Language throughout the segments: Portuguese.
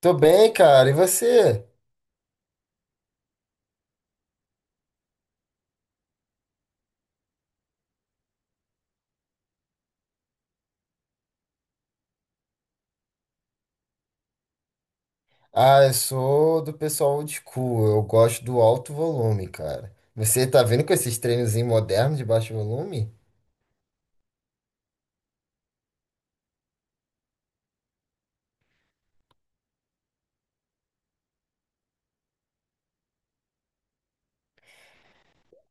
Tô bem, cara. E você? Ah, eu sou do pessoal old school. Eu gosto do alto volume, cara. Você tá vendo com esses treinozinhos modernos de baixo volume?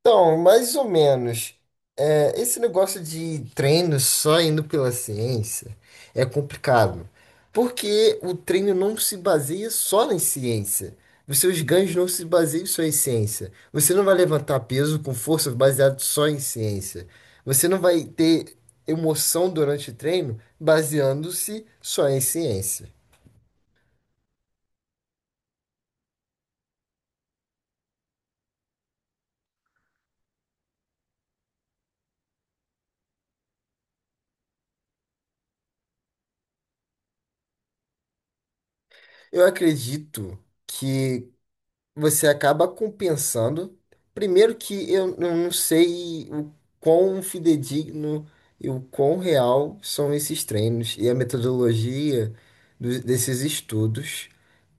Então, mais ou menos. É, esse negócio de treino só indo pela ciência é complicado, porque o treino não se baseia só em ciência. Os seus ganhos não se baseiam só em ciência. Você não vai levantar peso com força baseado só em ciência. Você não vai ter emoção durante o treino baseando-se só em ciência. Eu acredito que você acaba compensando. Primeiro que eu não sei o quão fidedigno e o quão real são esses treinos e a metodologia desses estudos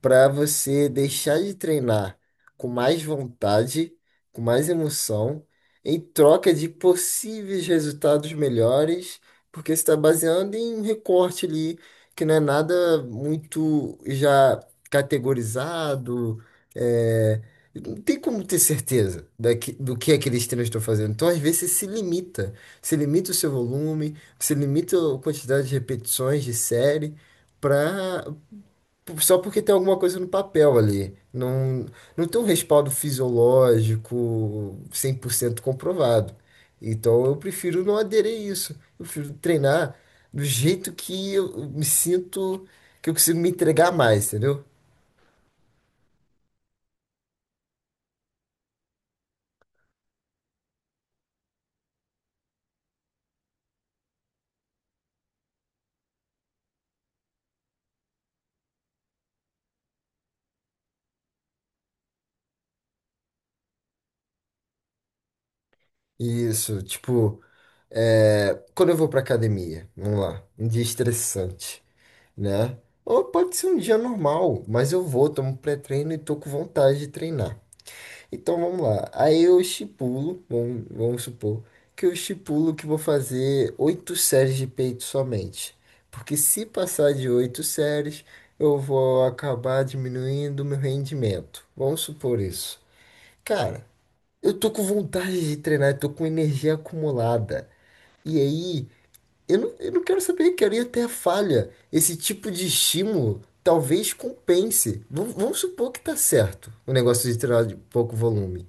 para você deixar de treinar com mais vontade, com mais emoção, em troca de possíveis resultados melhores, porque você está baseando em um recorte ali que não é nada muito já categorizado é, não tem como ter certeza do que é que eles estão fazendo. Então, às vezes, você se limita. Se limita o seu volume, se limita a quantidade de repetições de série, pra, só porque tem alguma coisa no papel ali. Não, não tem um respaldo fisiológico 100% comprovado. Então, eu prefiro não aderir a isso. Eu prefiro treinar do jeito que eu me sinto, que eu consigo me entregar mais, entendeu? Isso, tipo. É, quando eu vou pra academia, vamos lá, um dia estressante, né? Ou pode ser um dia normal, mas eu vou, tomo um pré-treino e tô com vontade de treinar. Então vamos lá. Aí eu estipulo, vamos supor, que eu estipulo que vou fazer oito séries de peito somente. Porque se passar de oito séries, eu vou acabar diminuindo o meu rendimento. Vamos supor isso. Cara, eu tô com vontade de treinar, eu tô com energia acumulada. E aí, eu não quero saber, quero ir até a falha. Esse tipo de estímulo talvez compense. Vamos supor que tá certo o negócio de tirar de pouco volume.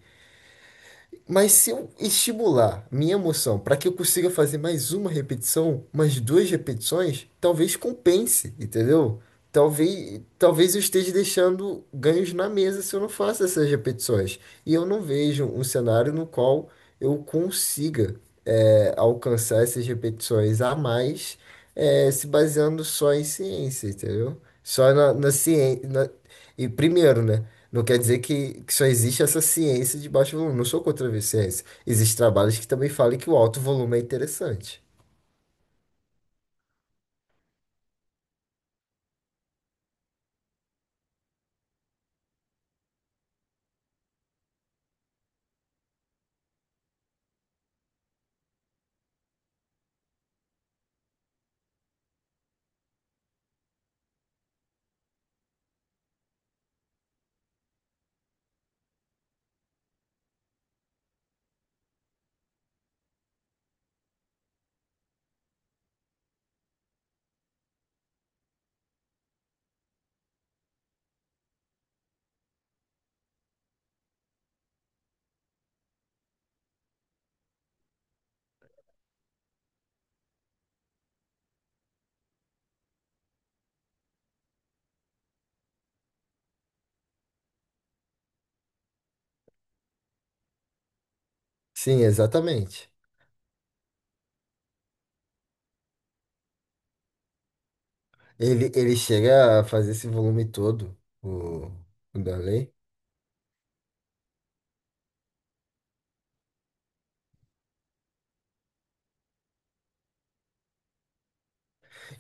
Mas se eu estimular minha emoção para que eu consiga fazer mais uma repetição, mais duas repetições, talvez compense, entendeu? Talvez eu esteja deixando ganhos na mesa se eu não faço essas repetições. E eu não vejo um cenário no qual eu consiga, alcançar essas repetições a mais, se baseando só em ciência, entendeu? Só na ciência. E primeiro, né? Não quer dizer que só existe essa ciência de baixo volume. Não sou contra a ciência. Existem trabalhos que também falam que o alto volume é interessante. Sim, exatamente. Ele chega a fazer esse volume todo, o, o Darley.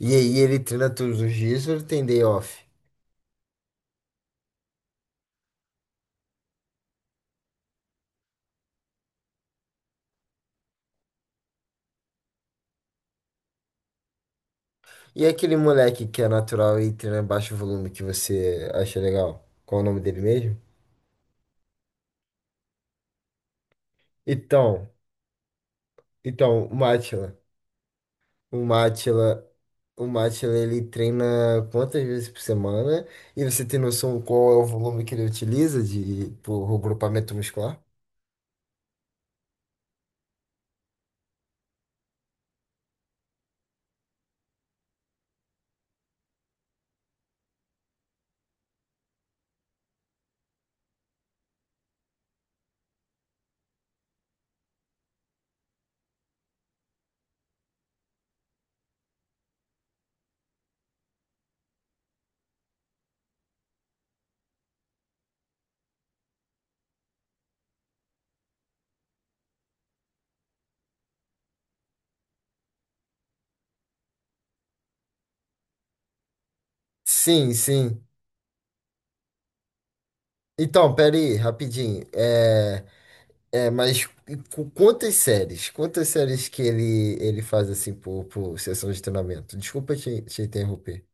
E aí ele treina todos os dias, ele tem day off. E aquele moleque que é natural e treina baixo volume que você acha legal? Qual o nome dele mesmo? Então, então, o Mátila. O Mátila, o Mátila, ele treina quantas vezes por semana? E você tem noção qual é o volume que ele utiliza de por grupamento muscular? Sim, sim. Então, pera aí, rapidinho. Mas quantas séries? Quantas séries que ele faz assim por sessão de treinamento? Desculpa te interromper.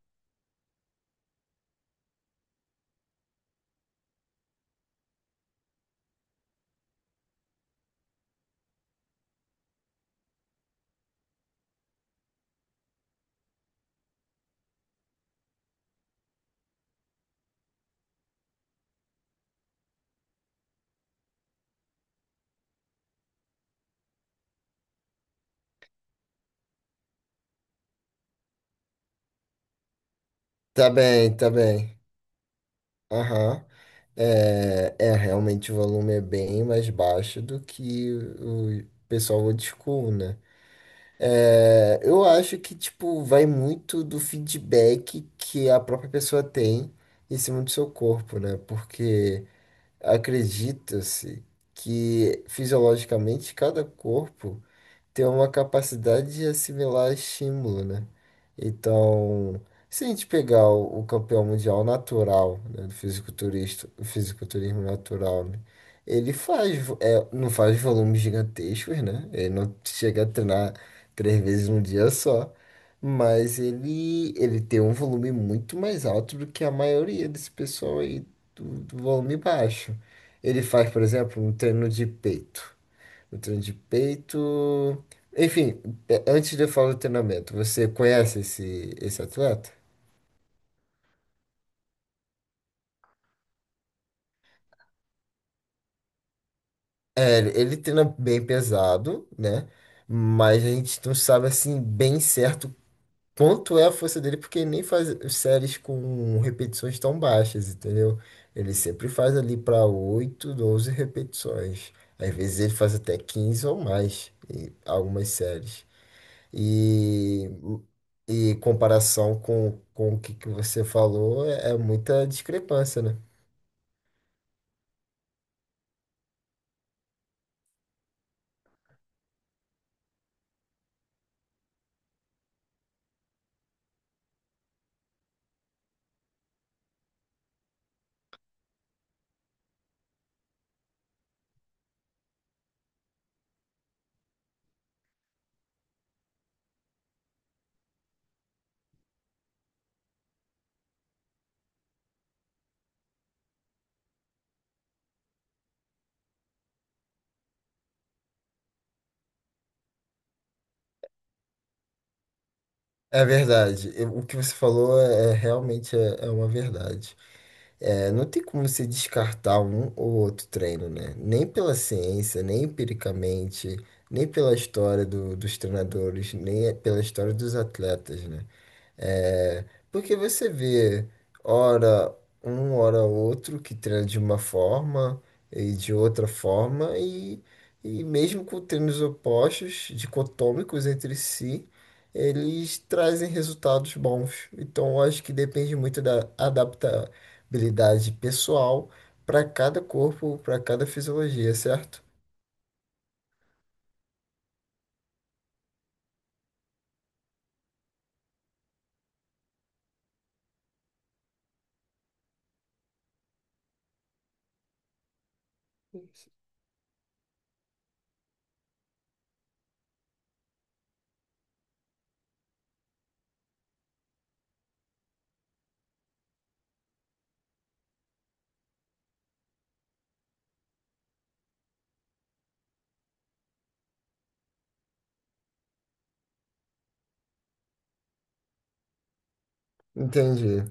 Tá bem, tá bem. Aham. Realmente o volume é bem mais baixo do que o pessoal old school, né? Eu acho que, tipo, vai muito do feedback que a própria pessoa tem em cima do seu corpo, né? Porque acredita-se que fisiologicamente cada corpo ter uma capacidade de assimilar estímulo, né? Então, se a gente pegar o campeão mundial natural, né, do fisiculturista, o fisiculturismo natural, né, ele faz, não faz volumes gigantescos, né? Ele não chega a treinar três vezes num dia só, mas ele tem um volume muito mais alto do que a maioria desse pessoal aí do volume baixo. Ele faz, por exemplo, um treino de peito. O treino de peito. Enfim, antes de eu falar do treinamento, você conhece esse atleta? Ele treina bem pesado, né? Mas a gente não sabe assim bem certo quanto é a força dele, porque ele nem faz séries com repetições tão baixas, entendeu? Ele sempre faz ali para 8, 12 repetições. Às vezes ele faz até 15 ou mais em algumas séries. E, e em comparação com o que você falou, é muita discrepância, né? É verdade. O que você falou é realmente é uma verdade. Não tem como você descartar um ou outro treino, né? Nem pela ciência, nem empiricamente, nem pela história dos treinadores, nem pela história dos atletas, né? É, porque você vê, ora um, ora outro, que treina de uma forma e de outra forma, e mesmo com treinos opostos, dicotômicos entre si, eles trazem resultados bons. Então, eu acho que depende muito da adaptabilidade pessoal para cada corpo, para cada fisiologia, certo? Entendi.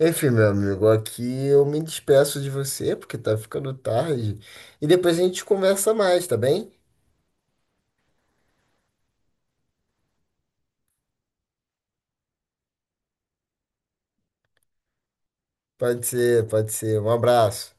Enfim, meu amigo, aqui eu me despeço de você porque tá ficando tarde. E depois a gente conversa mais, tá bem? Pode ser, pode ser. Um abraço.